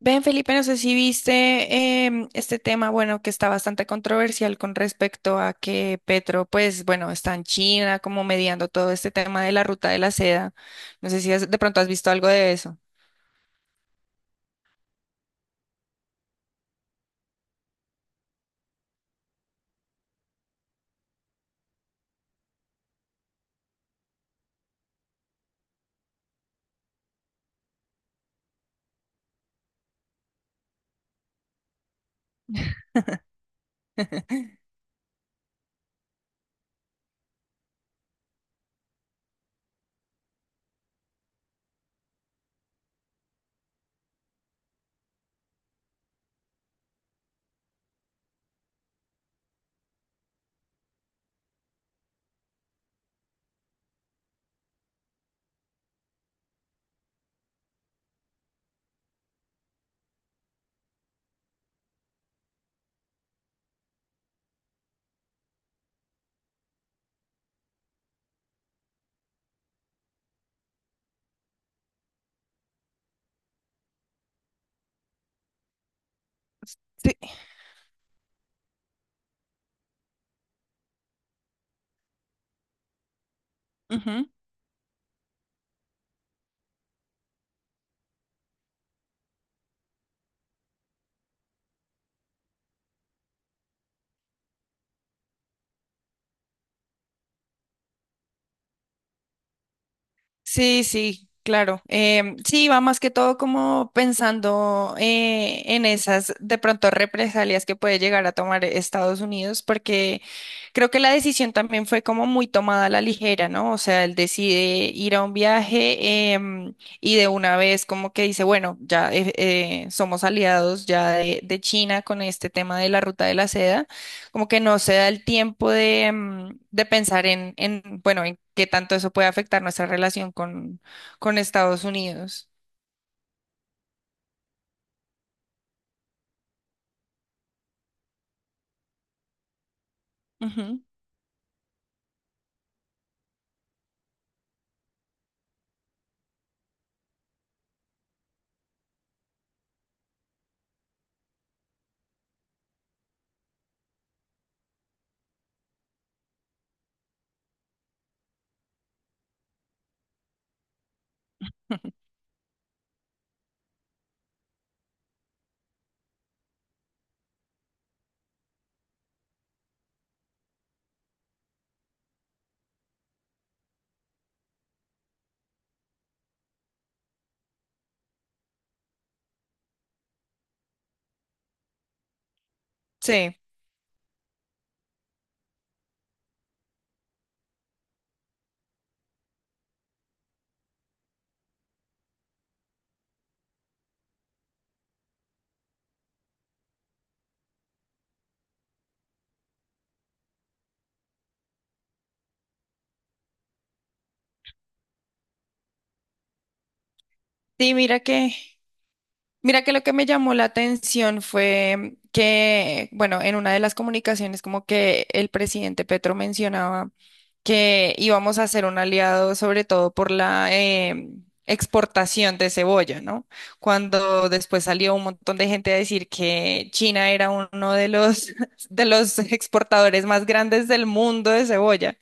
Ven, Felipe, no sé si viste este tema, bueno, que está bastante controversial con respecto a que Petro, pues, bueno, está en China como mediando todo este tema de la ruta de la seda. No sé si de pronto has visto algo de eso. Sí. Sí, sí, claro. Sí, va más que todo como pensando en esas de pronto represalias que puede llegar a tomar Estados Unidos, porque creo que la decisión también fue como muy tomada a la ligera, ¿no? O sea, él decide ir a un viaje y de una vez como que dice, bueno, ya somos aliados ya de China con este tema de la ruta de la seda, como que no se da el tiempo de, de pensar en bueno, en qué tanto eso puede afectar nuestra relación con Estados Unidos. Ujú. Sí, sí, mira que lo que me llamó la atención fue que, bueno, en una de las comunicaciones como que el presidente Petro mencionaba que íbamos a ser un aliado sobre todo por la exportación de cebolla, ¿no? Cuando después salió un montón de gente a decir que China era uno de los, de los exportadores más grandes del mundo de cebolla.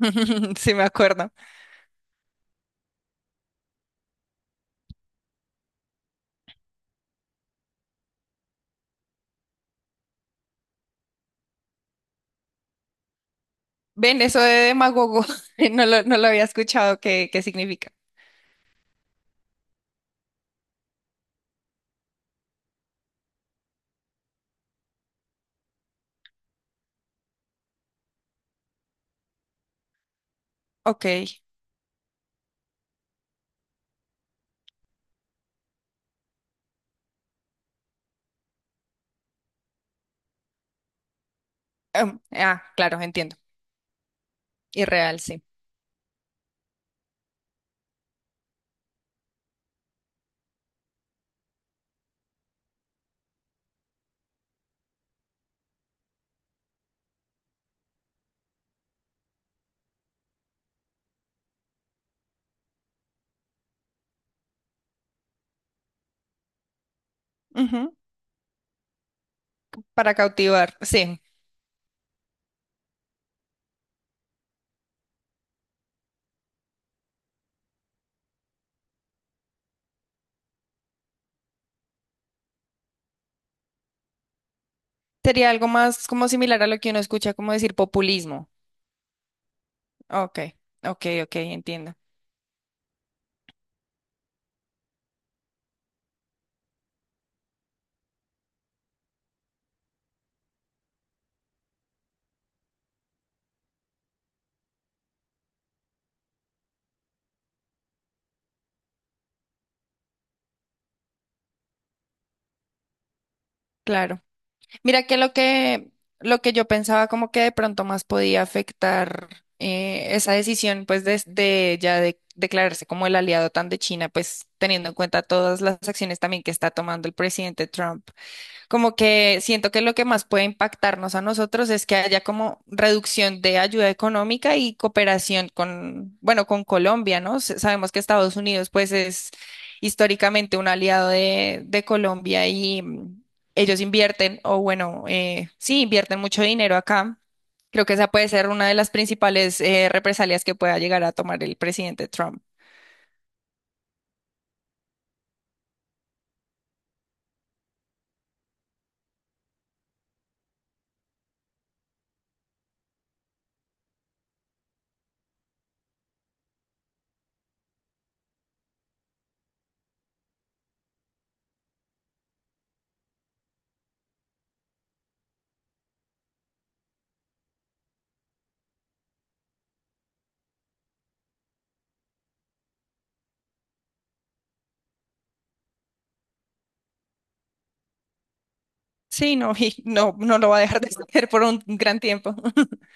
Sí, me acuerdo. Ven, eso de demagogo, no lo había escuchado, ¿ qué significa? Ok. Claro, entiendo. Irreal, sí. Ujú. Para cautivar, sí. Sería algo más como similar a lo que uno escucha, como decir populismo. Ok, ok, ok, entiendo. Claro. Mira que lo que, lo que yo pensaba como que de pronto más podía afectar esa decisión, pues de ya de declararse como el aliado tan de China, pues teniendo en cuenta todas las acciones también que está tomando el presidente Trump. Como que siento que lo que más puede impactarnos a nosotros es que haya como reducción de ayuda económica y cooperación con, bueno, con Colombia, ¿no? Sabemos que Estados Unidos pues es históricamente un aliado de Colombia y, ellos invierten, o bueno, sí, invierten mucho dinero acá. Creo que esa puede ser una de las principales represalias que pueda llegar a tomar el presidente Trump. Sí, no, y no, no lo va a dejar de hacer por un gran tiempo.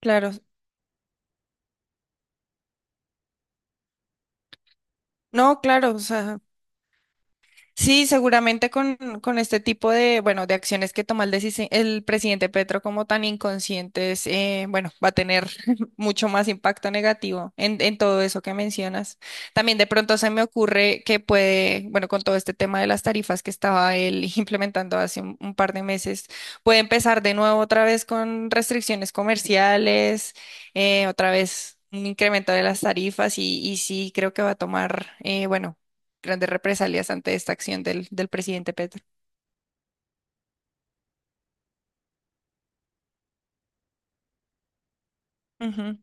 Claro. No, claro, o sea. Sí, seguramente con este tipo de, bueno, de acciones que toma el presidente Petro como tan inconscientes, bueno, va a tener mucho más impacto negativo en todo eso que mencionas. También de pronto se me ocurre que puede, bueno, con todo este tema de las tarifas que estaba él implementando hace un par de meses, puede empezar de nuevo otra vez con restricciones comerciales, otra vez un incremento de las tarifas y sí, creo que va a tomar, bueno, grandes represalias ante esta acción del presidente Petro. Ujú.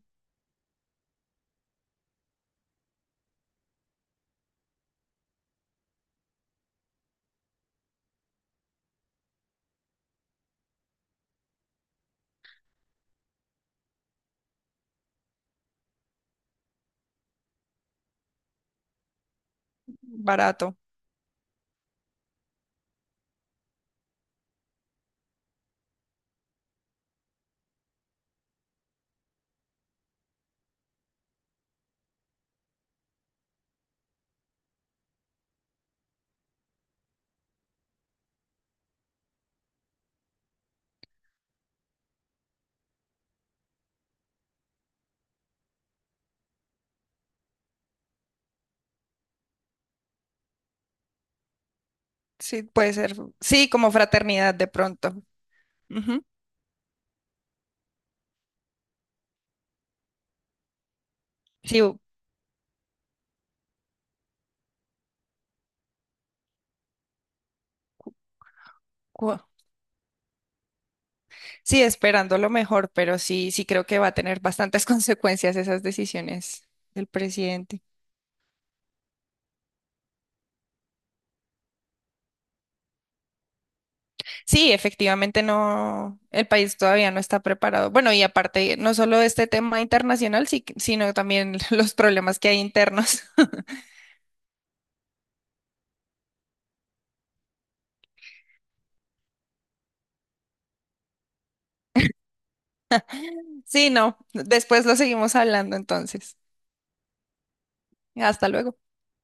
Barato. Sí, puede ser. Sí, como fraternidad de pronto. Ujú. Sí, cu- sí, esperando lo mejor, pero sí, sí creo que va a tener bastantes consecuencias esas decisiones del presidente. Sí, efectivamente no, el país todavía no está preparado. Bueno, y aparte, no solo este tema internacional, sino también los problemas que hay internos. Sí, no, después lo seguimos hablando entonces. Hasta luego.